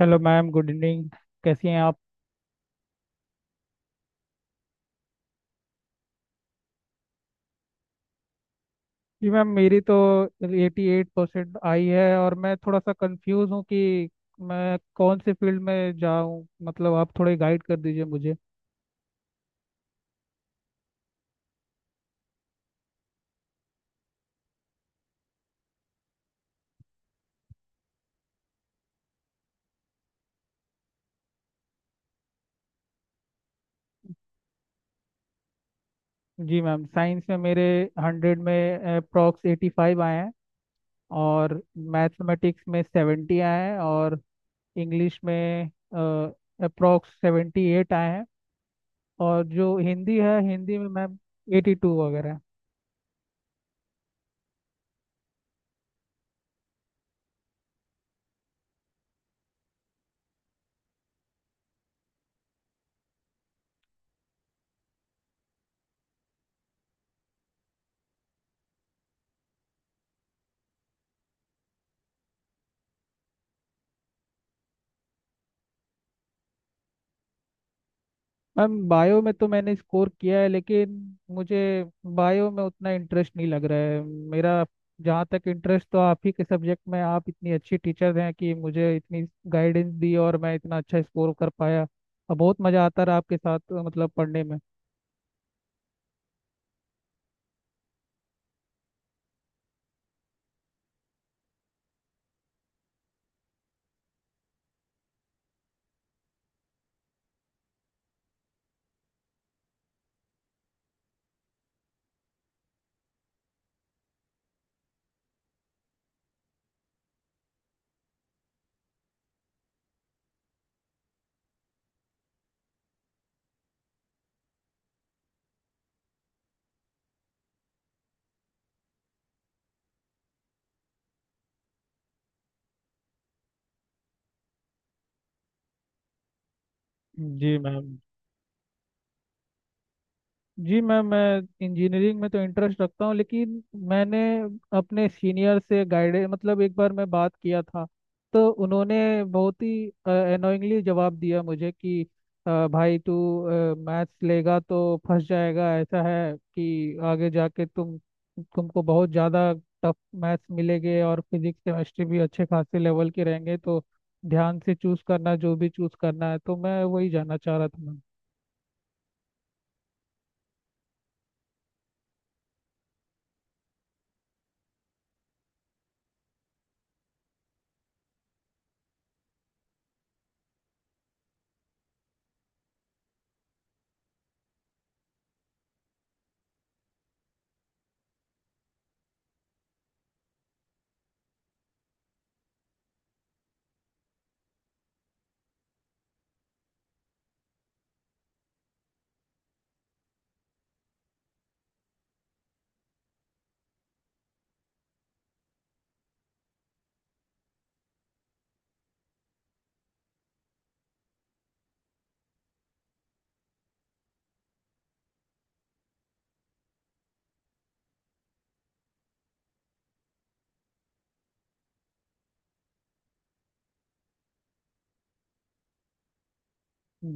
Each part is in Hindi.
Hello ma'am, good evening. कैसी हैं आप? जी मैम, मेरी तो एटी एट परसेंट आई है, और मैं थोड़ा सा कंफ्यूज हूँ कि मैं कौन से फील्ड में जाऊँ। मतलब आप थोड़े गाइड कर दीजिए मुझे। जी मैम, साइंस में मेरे हंड्रेड में अप्रॉक्स एटी फाइव आए हैं, और मैथमेटिक्स में सेवेंटी आए हैं, और इंग्लिश में अप्रॉक्स सेवेंटी एट आए हैं। और जो हिंदी है, हिंदी में मैम, एटी टू वगैरह। मैम बायो में तो मैंने स्कोर किया है, लेकिन मुझे बायो में उतना इंटरेस्ट नहीं लग रहा है मेरा। जहाँ तक इंटरेस्ट, तो आप ही के सब्जेक्ट में। आप इतनी अच्छी टीचर हैं कि मुझे इतनी गाइडेंस दी और मैं इतना अच्छा स्कोर कर पाया, और बहुत मज़ा आता रहा आपके साथ मतलब पढ़ने में। जी मैम। जी मैम, मैं इंजीनियरिंग में तो इंटरेस्ट रखता हूँ, लेकिन मैंने अपने सीनियर से गाइड, मतलब एक बार मैं बात किया था, तो उन्होंने बहुत ही अनोइंगली जवाब दिया मुझे कि भाई तू मैथ्स लेगा तो फंस जाएगा। ऐसा है कि आगे जाके तुमको बहुत ज़्यादा टफ मैथ्स मिलेंगे, और फिजिक्स केमिस्ट्री भी अच्छे खासे लेवल के रहेंगे, तो ध्यान से चूज़ करना जो भी चूज़ करना है। तो मैं वही जानना चाह रहा था मैम।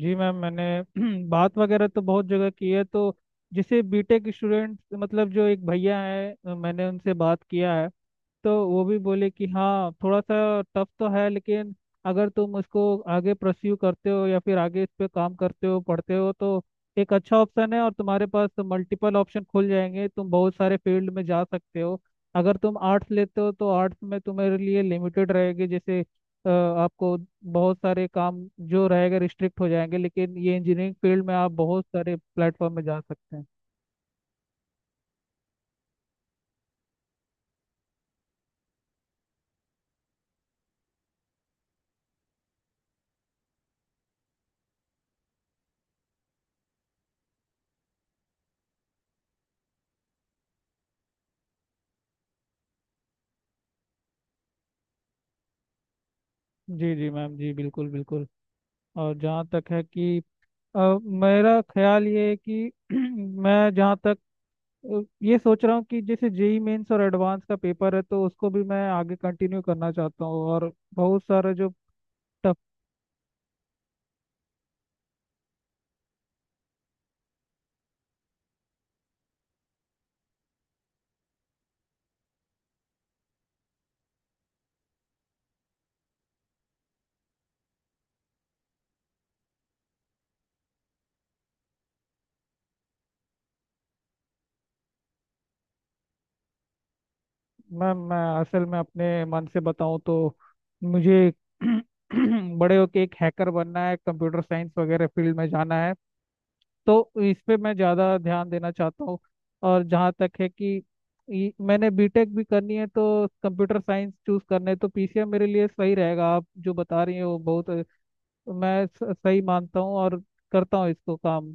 जी मैम, मैंने बात वगैरह तो बहुत जगह की है। तो जैसे B.Tech स्टूडेंट, मतलब जो एक भैया है, मैंने उनसे बात किया है, तो वो भी बोले कि हाँ थोड़ा सा टफ तो है, लेकिन अगर तुम उसको आगे प्रस्यू करते हो या फिर आगे इस पे काम करते हो, पढ़ते हो, तो एक अच्छा ऑप्शन है। और तुम्हारे पास मल्टीपल ऑप्शन खुल जाएंगे, तुम बहुत सारे फील्ड में जा सकते हो। अगर तुम आर्ट्स लेते हो तो आर्ट्स में तुम्हारे लिए लिमिटेड रहेगी। जैसे आपको बहुत सारे काम जो रहेगा रिस्ट्रिक्ट हो जाएंगे, लेकिन ये इंजीनियरिंग फील्ड में आप बहुत सारे प्लेटफॉर्म में जा सकते हैं। जी जी मैम, जी बिल्कुल बिल्कुल। और जहाँ तक है कि अ, मेरा ख्याल ये है कि मैं जहाँ तक, ये सोच रहा हूँ कि जैसे JEE मेंस और एडवांस का पेपर है, तो उसको भी मैं आगे कंटिन्यू करना चाहता हूँ। और बहुत सारे जो टफ। मैं असल में अपने मन से बताऊँ तो मुझे बड़े होके एक हैकर बनना है, कंप्यूटर साइंस वगैरह फील्ड में जाना है, तो इस पे मैं ज़्यादा ध्यान देना चाहता हूँ। और जहाँ तक है कि मैंने B.Tech भी करनी है तो कंप्यूटर साइंस चूज करना है, तो PCM मेरे लिए सही रहेगा। आप जो बता रही हैं वो बहुत मैं सही मानता हूँ, और करता हूँ इसको काम।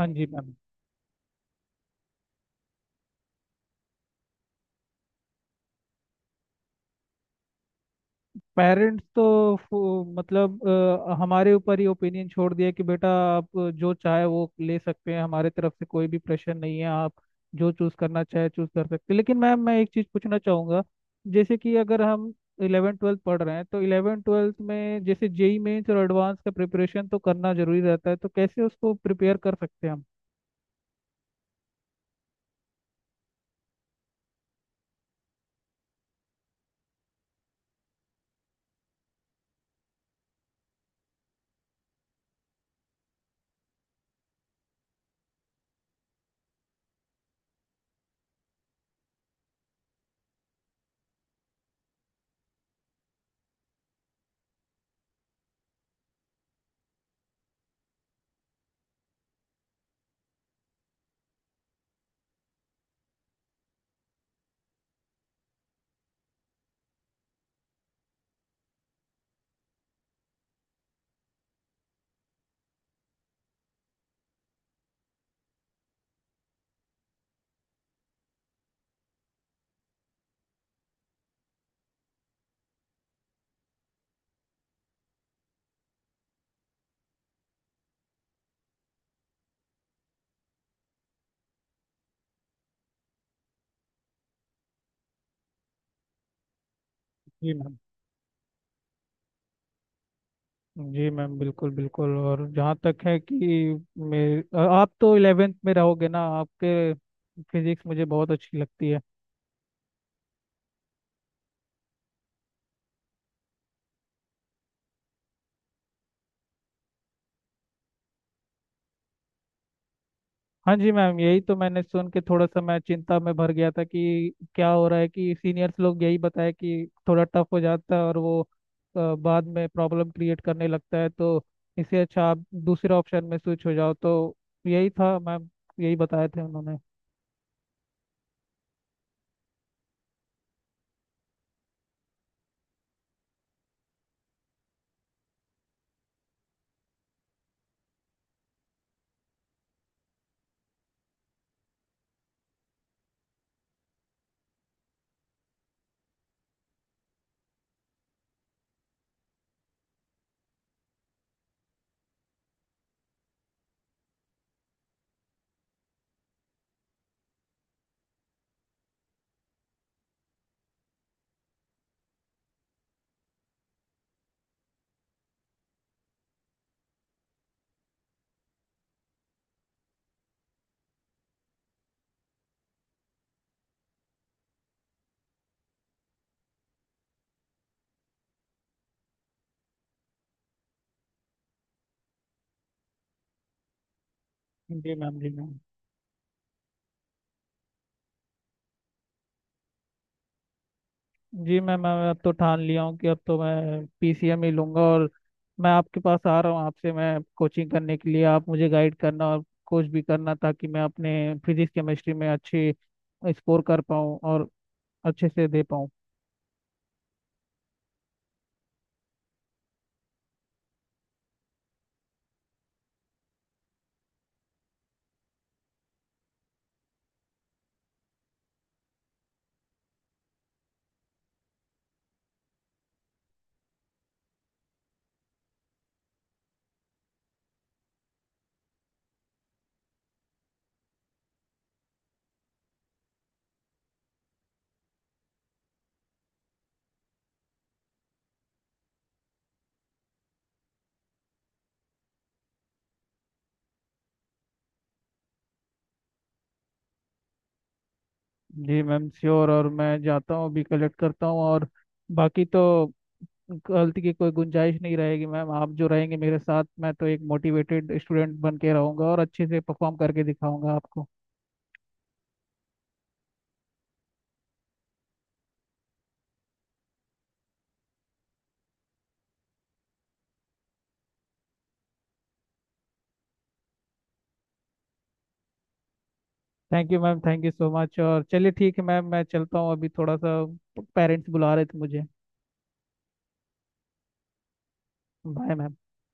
हाँ जी मैम। पेरेंट्स तो मतलब हमारे ऊपर ही ओपिनियन छोड़ दिया कि बेटा आप जो चाहे वो ले सकते हैं, हमारे तरफ से कोई भी प्रेशर नहीं है, आप जो चूज करना चाहे चूज कर सकते हैं। लेकिन मैम मैं एक चीज पूछना चाहूंगा, जैसे कि अगर हम इलेवन ट्वेल्थ पढ़ रहे हैं तो इलेवन ट्वेल्थ में जैसे जेई मेंस और एडवांस का प्रिपरेशन तो करना जरूरी रहता है, तो कैसे उसको प्रिपेयर कर सकते हैं हम? जी जी मैम, बिल्कुल बिल्कुल। और जहाँ तक है कि मेरे, आप तो इलेवेंथ में रहोगे ना? आपके फिजिक्स मुझे बहुत अच्छी लगती है। हाँ जी मैम, यही तो मैंने सुन के थोड़ा सा मैं चिंता में भर गया था कि क्या हो रहा है। कि सीनियर्स लोग यही बताया कि थोड़ा टफ हो जाता है, और वो बाद में प्रॉब्लम क्रिएट करने लगता है, तो इससे अच्छा आप दूसरे ऑप्शन में स्विच हो जाओ। तो यही था मैम, यही बताए थे उन्होंने। जी मैम, जी मैम। जी मैं, अब तो ठान लिया हूँ कि अब तो मैं PCM ही लूंगा। और मैं आपके पास आ रहा हूँ, आपसे मैं कोचिंग करने के लिए। आप मुझे गाइड करना और कोच भी करना ताकि मैं अपने फिजिक्स केमिस्ट्री में अच्छे स्कोर कर पाऊँ और अच्छे से दे पाऊँ। जी मैम श्योर। और मैं जाता हूँ अभी, कलेक्ट करता हूँ। और बाकी तो गलती की कोई गुंजाइश नहीं रहेगी मैम, आप जो रहेंगे मेरे साथ। मैं तो एक मोटिवेटेड स्टूडेंट बन के रहूँगा, और अच्छे से परफॉर्म करके दिखाऊंगा आपको। Thank you ma'am, thank you so much. और चलिए ठीक है मैम, मैं चलता हूँ अभी। थोड़ा सा पेरेंट्स बुला रहे थे मुझे। Bye ma'am.